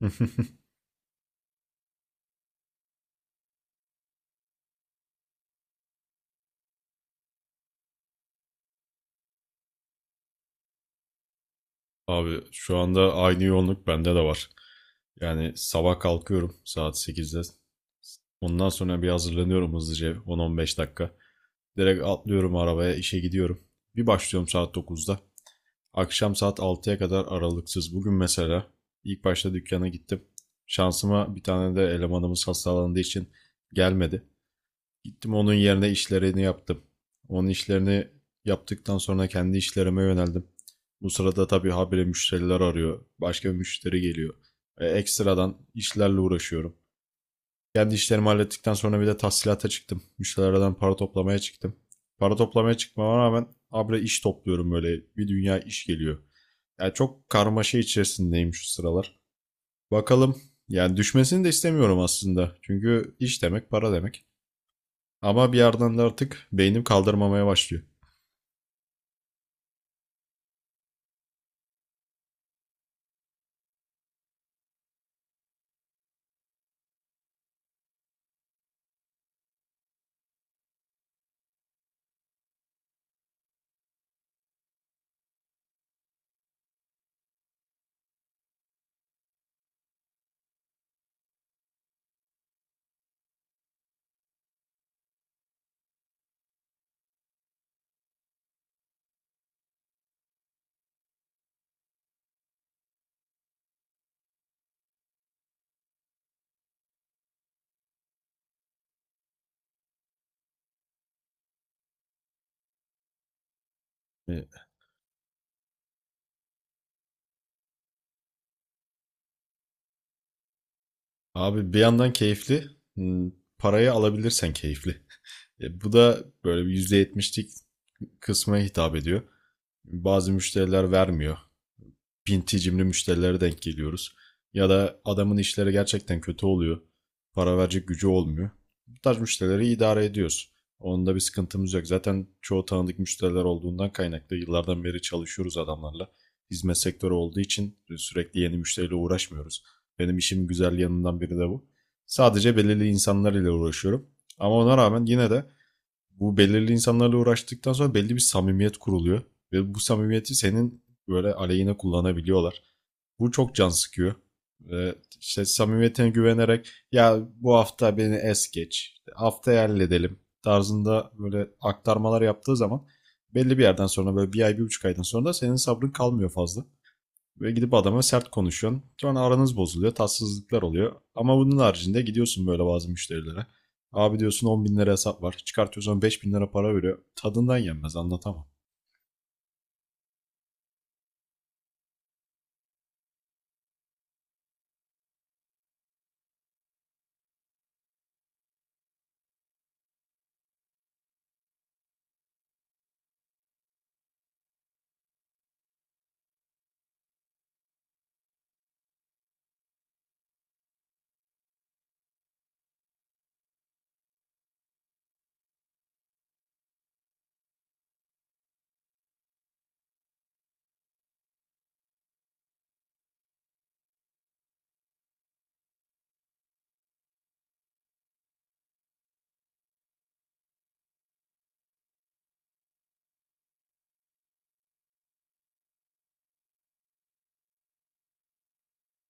Abi şu anda aynı yoğunluk bende de var. Yani sabah kalkıyorum saat 8'de. Ondan sonra bir hazırlanıyorum hızlıca 10-15 dakika. Direkt atlıyorum arabaya işe gidiyorum. Bir başlıyorum saat 9'da. Akşam saat 6'ya kadar aralıksız. Bugün mesela ilk başta dükkana gittim. Şansıma bir tane de elemanımız hastalandığı için gelmedi. Gittim onun yerine işlerini yaptım. Onun işlerini yaptıktan sonra kendi işlerime yöneldim. Bu sırada tabii habire müşteriler arıyor. Başka bir müşteri geliyor. Ekstradan işlerle uğraşıyorum. Kendi işlerimi hallettikten sonra bir de tahsilata çıktım. Müşterilerden para toplamaya çıktım. Para toplamaya çıkmama rağmen habire iş topluyorum böyle. Bir dünya iş geliyor. Yani çok karmaşa içerisindeyim şu sıralar. Bakalım. Yani düşmesini de istemiyorum aslında. Çünkü iş demek para demek. Ama bir yerden de artık beynim kaldırmamaya başlıyor. E, Abi bir yandan keyifli, hmm, parayı alabilirsen keyifli. Bu da böyle bir %70'lik kısma hitap ediyor. Bazı müşteriler vermiyor. Pinti cimri müşterilere denk geliyoruz. Ya da adamın işleri gerçekten kötü oluyor. Para verecek gücü olmuyor. Bu tarz müşterileri idare ediyoruz. Onda bir sıkıntımız yok. Zaten çoğu tanıdık müşteriler olduğundan kaynaklı yıllardan beri çalışıyoruz adamlarla. Hizmet sektörü olduğu için sürekli yeni müşteriyle uğraşmıyoruz. Benim işim güzel yanından biri de bu. Sadece belirli insanlar ile uğraşıyorum. Ama ona rağmen yine de bu belirli insanlarla uğraştıktan sonra belli bir samimiyet kuruluyor. Ve bu samimiyeti senin böyle aleyhine kullanabiliyorlar. Bu çok can sıkıyor. Ve işte samimiyetine güvenerek ya bu hafta beni es geç, işte haftaya halledelim tarzında böyle aktarmalar yaptığı zaman belli bir yerden sonra böyle bir ay bir buçuk aydan sonra da senin sabrın kalmıyor fazla. Ve gidip adama sert konuşuyorsun. Sonra aranız bozuluyor. Tatsızlıklar oluyor. Ama bunun haricinde gidiyorsun böyle bazı müşterilere. Abi diyorsun 10 bin lira hesap var. Çıkartıyorsun 5 bin lira para veriyor. Tadından yenmez anlatamam.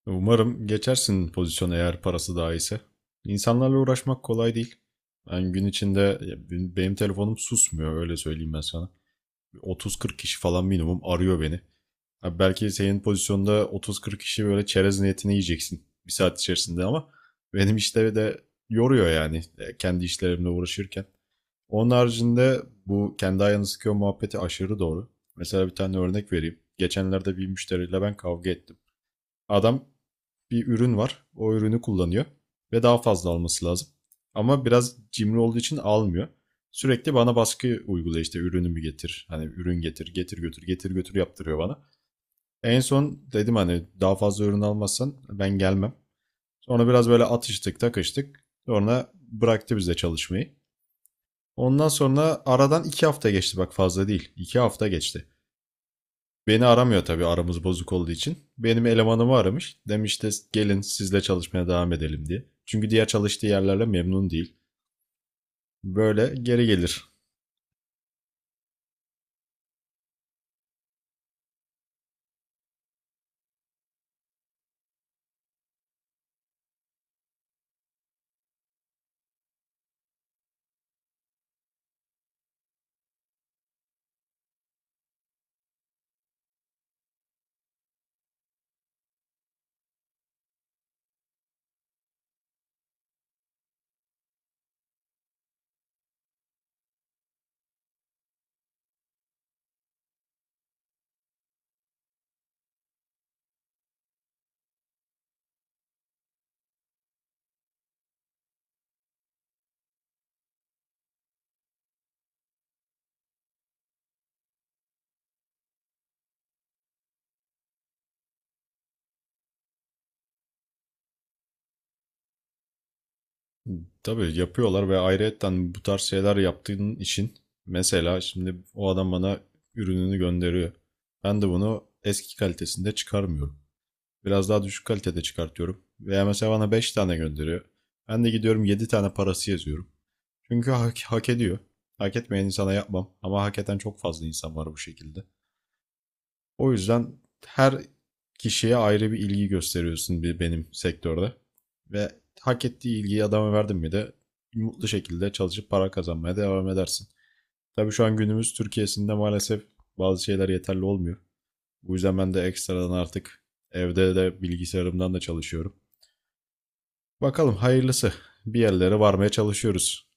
Umarım geçersin pozisyona eğer parası daha iyiyse. İnsanlarla uğraşmak kolay değil. Ben gün içinde benim telefonum susmuyor öyle söyleyeyim ben sana. 30-40 kişi falan minimum arıyor beni. Abi belki senin pozisyonda 30-40 kişi böyle çerez niyetine yiyeceksin bir saat içerisinde ama benim işte de yoruyor yani kendi işlerimle uğraşırken. Onun haricinde bu kendi ayağını sıkıyor muhabbeti aşırı doğru. Mesela bir tane örnek vereyim. Geçenlerde bir müşteriyle ben kavga ettim. Adam bir ürün var. O ürünü kullanıyor ve daha fazla alması lazım. Ama biraz cimri olduğu için almıyor. Sürekli bana baskı uyguluyor işte ürünümü getir. Hani ürün getir, getir götür, getir götür yaptırıyor bana. En son dedim hani daha fazla ürün almazsan ben gelmem. Sonra biraz böyle atıştık takıştık. Sonra bıraktı bize çalışmayı. Ondan sonra aradan 2 hafta geçti bak fazla değil. 2 hafta geçti. Beni aramıyor tabii aramız bozuk olduğu için. Benim elemanımı aramış. Demiş de gelin sizle çalışmaya devam edelim diye. Çünkü diğer çalıştığı yerlerle memnun değil. Böyle geri gelir. Tabii yapıyorlar ve ayrıyetten bu tarz şeyler yaptığın için mesela şimdi o adam bana ürününü gönderiyor. Ben de bunu eski kalitesinde çıkarmıyorum. Biraz daha düşük kalitede çıkartıyorum. Veya mesela bana 5 tane gönderiyor. Ben de gidiyorum 7 tane parası yazıyorum. Çünkü hak ediyor. Hak etmeyen insana yapmam. Ama hak eden çok fazla insan var bu şekilde. O yüzden her kişiye ayrı bir ilgi gösteriyorsun benim sektörde. Ve hak ettiği ilgiyi adama verdin mi de mutlu şekilde çalışıp para kazanmaya devam edersin. Tabii şu an günümüz Türkiye'sinde maalesef bazı şeyler yeterli olmuyor. Bu yüzden ben de ekstradan artık evde de bilgisayarımdan da çalışıyorum. Bakalım hayırlısı. Bir yerlere varmaya çalışıyoruz.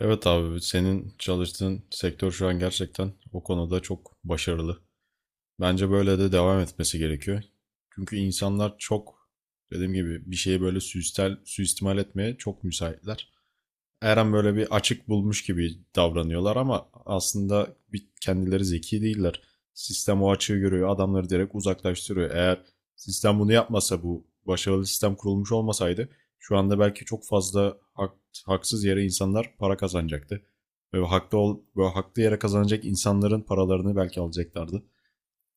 Evet abi senin çalıştığın sektör şu an gerçekten o konuda çok başarılı. Bence böyle de devam etmesi gerekiyor. Çünkü insanlar çok dediğim gibi bir şeyi böyle suistimal etmeye çok müsaitler. Her an böyle bir açık bulmuş gibi davranıyorlar ama aslında kendileri zeki değiller. Sistem o açığı görüyor, adamları direkt uzaklaştırıyor. Eğer sistem bunu yapmasa bu başarılı sistem kurulmuş olmasaydı şu anda belki çok fazla haksız yere insanlar para kazanacaktı. Ve haklı yere kazanacak insanların paralarını belki alacaklardı.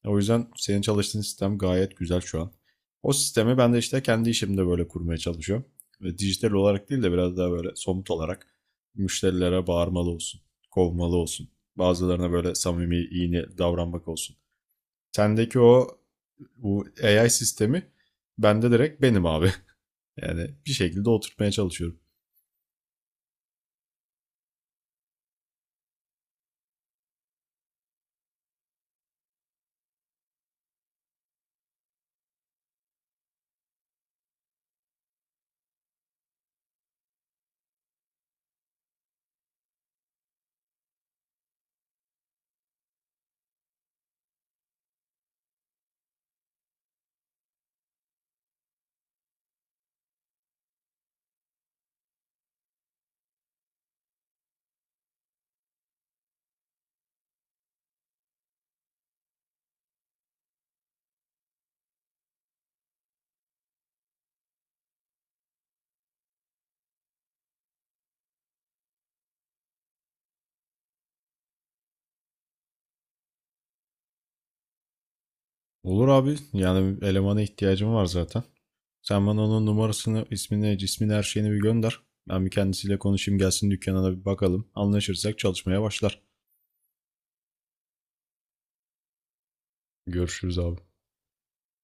O yüzden senin çalıştığın sistem gayet güzel şu an. O sistemi ben de işte kendi işimde böyle kurmaya çalışıyorum. Ve dijital olarak değil de biraz daha böyle somut olarak müşterilere bağırmalı olsun, kovmalı olsun. Bazılarına böyle samimi, iyi niyetli davranmak olsun. Sendeki o bu AI sistemi bende direkt benim abi. Yani bir şekilde oturtmaya çalışıyorum. Olur abi. Yani elemana ihtiyacım var zaten. Sen bana onun numarasını, ismini, cismini, her şeyini bir gönder. Ben bir kendisiyle konuşayım gelsin dükkana da bir bakalım. Anlaşırsak çalışmaya başlar. Görüşürüz abi.